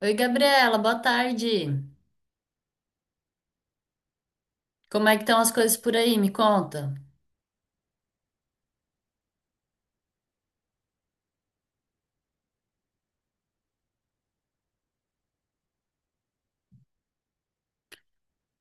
Oi, Gabriela, boa tarde. Como é que estão as coisas por aí? Me conta.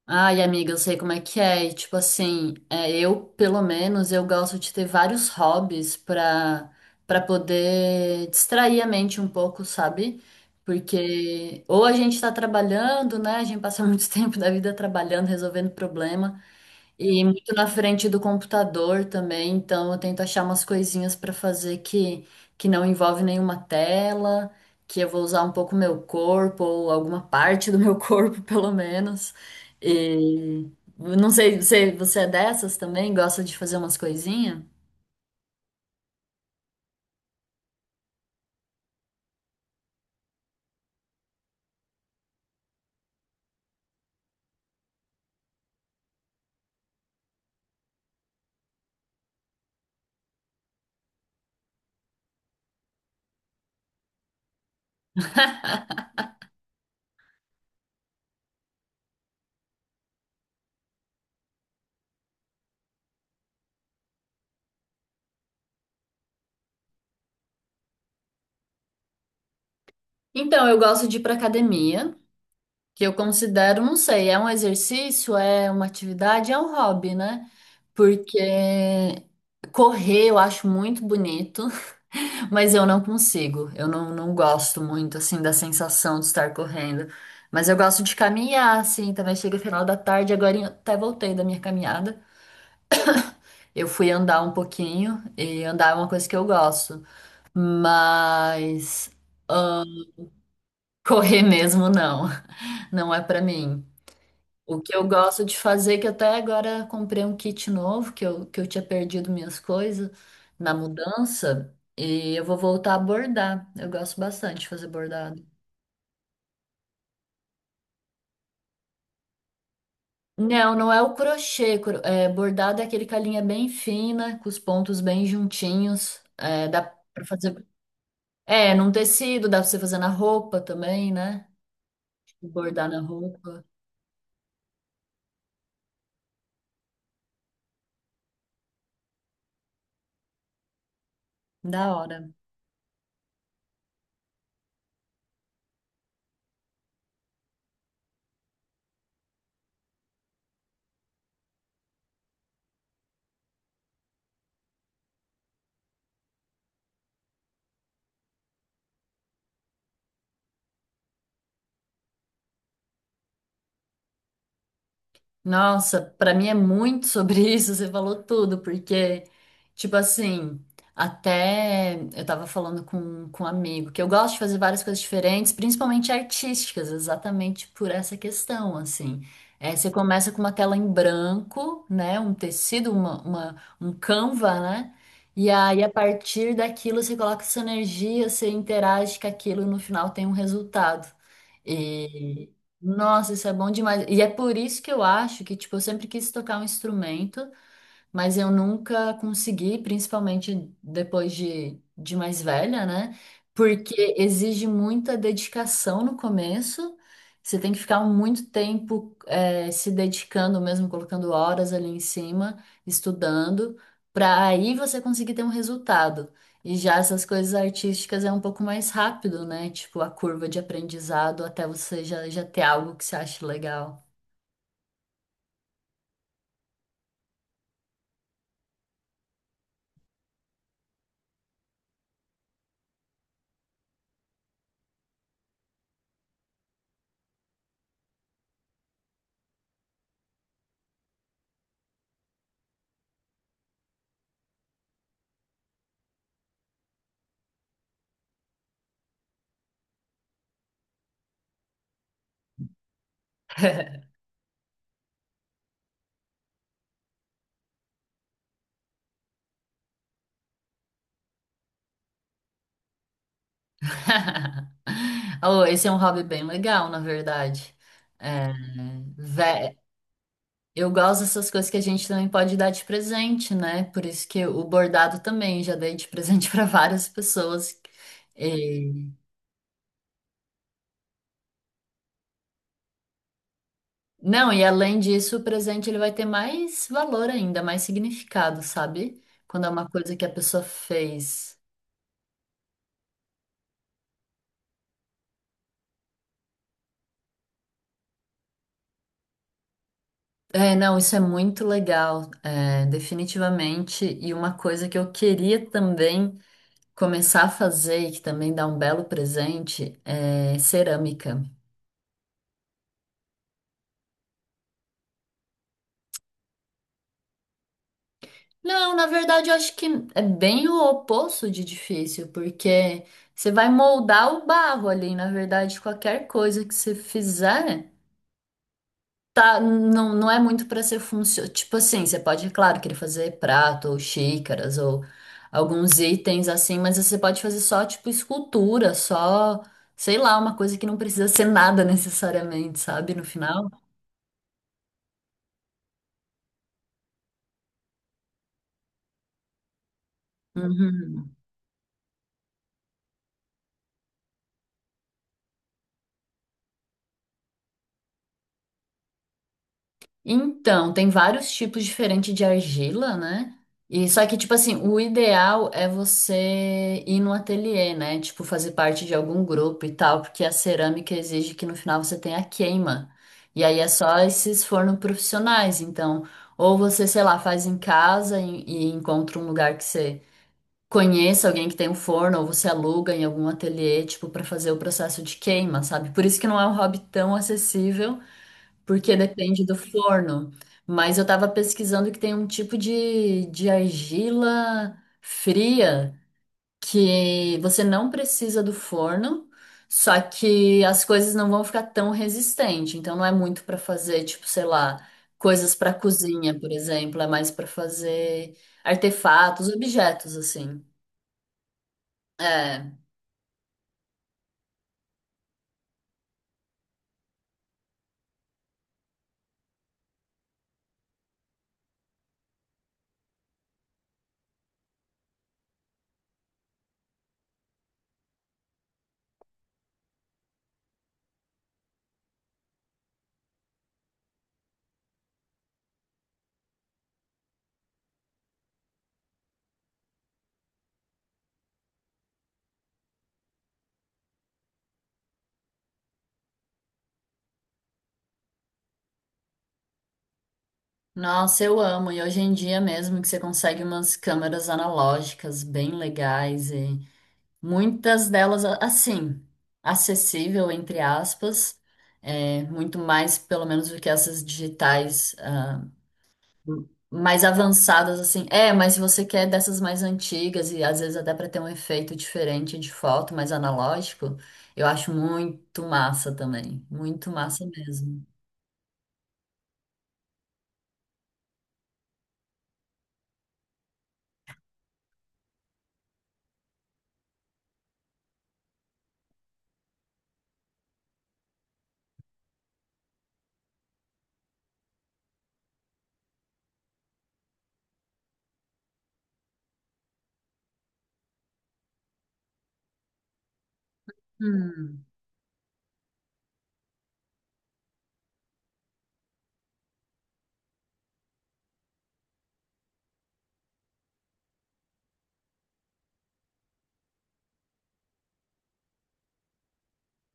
Ai, amiga, eu sei como é que é. Tipo assim, eu, pelo menos, eu gosto de ter vários hobbies pra poder distrair a mente um pouco, sabe? Porque ou a gente tá trabalhando, né? A gente passa muito tempo da vida trabalhando, resolvendo problema. E muito na frente do computador também, então eu tento achar umas coisinhas para fazer que não envolve nenhuma tela, que eu vou usar um pouco meu corpo, ou alguma parte do meu corpo, pelo menos. E não sei, você é dessas também? Gosta de fazer umas coisinhas? Então, eu gosto de ir para academia, que eu considero, não sei, é um exercício, é uma atividade, é um hobby, né? Porque correr eu acho muito bonito. Mas eu não consigo. Eu não gosto muito, assim, da sensação de estar correndo. Mas eu gosto de caminhar, assim, também chega final da tarde. Agora eu até voltei da minha caminhada. Eu fui andar um pouquinho, e andar é uma coisa que eu gosto. Mas ah, correr mesmo, não. Não é pra mim. O que eu gosto de fazer, que até agora comprei um kit novo, que eu tinha perdido minhas coisas na mudança, e eu vou voltar a bordar. Eu gosto bastante de fazer bordado. Não, não é o crochê. É, bordado é aquele com a linha bem fina, com os pontos bem juntinhos. É, dá pra fazer. É, num tecido, dá pra você fazer na roupa também, né? Bordar na roupa. Da hora. Nossa, pra mim é muito sobre isso, você falou tudo, porque, tipo assim, até eu tava falando com um amigo que eu gosto de fazer várias coisas diferentes, principalmente artísticas, exatamente por essa questão, assim. É, você começa com uma tela em branco, né? Um tecido, um canva, né? E aí, a partir daquilo, você coloca sua energia, você interage com aquilo e no final tem um resultado. Nossa, isso é bom demais. E é por isso que eu acho que, tipo, eu sempre quis tocar um instrumento mas eu nunca consegui, principalmente depois de mais velha, né? Porque exige muita dedicação no começo. Você tem que ficar muito tempo se dedicando, mesmo colocando horas ali em cima, estudando, para aí você conseguir ter um resultado. E já essas coisas artísticas é um pouco mais rápido, né? Tipo, a curva de aprendizado até você já ter algo que você acha legal. Oh, esse é um hobby bem legal, na verdade. É, vé- eu gosto dessas coisas que a gente também pode dar de presente, né? Por isso que o bordado também já dei de presente para várias pessoas. E- Não, e além disso, o presente ele vai ter mais valor ainda, mais significado, sabe? Quando é uma coisa que a pessoa fez. É, não, isso é muito legal, é, definitivamente. E uma coisa que eu queria também começar a fazer, e que também dá um belo presente, é cerâmica. Não, na verdade, eu acho que é bem o oposto de difícil, porque você vai moldar o barro ali. Na verdade, qualquer coisa que você fizer, tá, não é muito para ser funcional. Tipo assim, você pode, é claro, querer fazer prato ou xícaras ou alguns itens assim, mas você pode fazer só, tipo, escultura, só, sei lá, uma coisa que não precisa ser nada necessariamente, sabe? No final. Uhum. Então, tem vários tipos diferentes de argila, né? E só que, tipo assim, o ideal é você ir no ateliê, né? Tipo, fazer parte de algum grupo e tal, porque a cerâmica exige que no final você tenha queima. E aí é só esses fornos profissionais. Então, ou você, sei lá, faz em casa e encontra um lugar que você conheça alguém que tem um forno, ou você aluga em algum ateliê, tipo, pra fazer o processo de queima, sabe? Por isso que não é um hobby tão acessível porque depende do forno. Mas eu tava pesquisando que tem um tipo de argila fria que você não precisa do forno, só que as coisas não vão ficar tão resistentes. Então não é muito para fazer, tipo, sei lá, coisas para cozinha, por exemplo, é mais para fazer artefatos, objetos assim. É, nossa, eu amo. E hoje em dia mesmo que você consegue umas câmeras analógicas bem legais. Muitas delas, assim, acessível, entre aspas, é, muito mais, pelo menos, do que essas digitais, ah, mais avançadas, assim. É, mas se você quer dessas mais antigas e às vezes até para ter um efeito diferente de foto, mais analógico, eu acho muito massa também. Muito massa mesmo. Hum.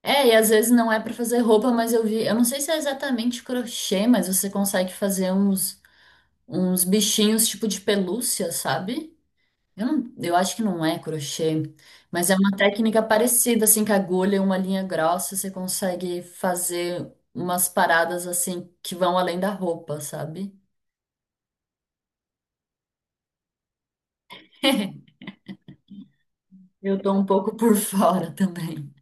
É, e às vezes não é para fazer roupa, mas eu vi, eu não sei se é exatamente crochê, mas você consegue fazer uns, uns bichinhos tipo de pelúcia, sabe? Não, eu acho que não é crochê, mas é uma técnica parecida, assim, com agulha e uma linha grossa, você consegue fazer umas paradas, assim, que vão além da roupa, sabe? Eu tô um pouco por fora também.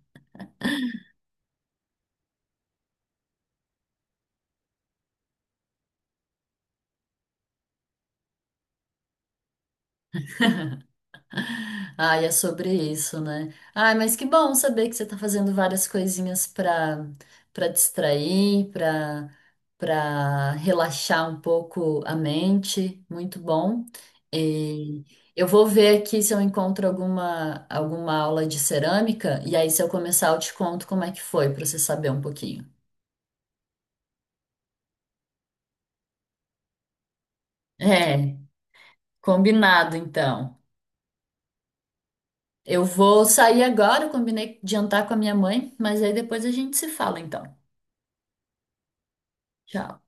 Ah, é sobre isso, né? Ai, mas que bom saber que você tá fazendo várias coisinhas para distrair, para relaxar um pouco a mente. Muito bom. E eu vou ver aqui se eu encontro alguma aula de cerâmica e aí se eu começar eu te conto como é que foi para você saber um pouquinho. É, combinado então. Eu vou sair agora, eu combinei de jantar com a minha mãe, mas aí depois a gente se fala então. Tchau.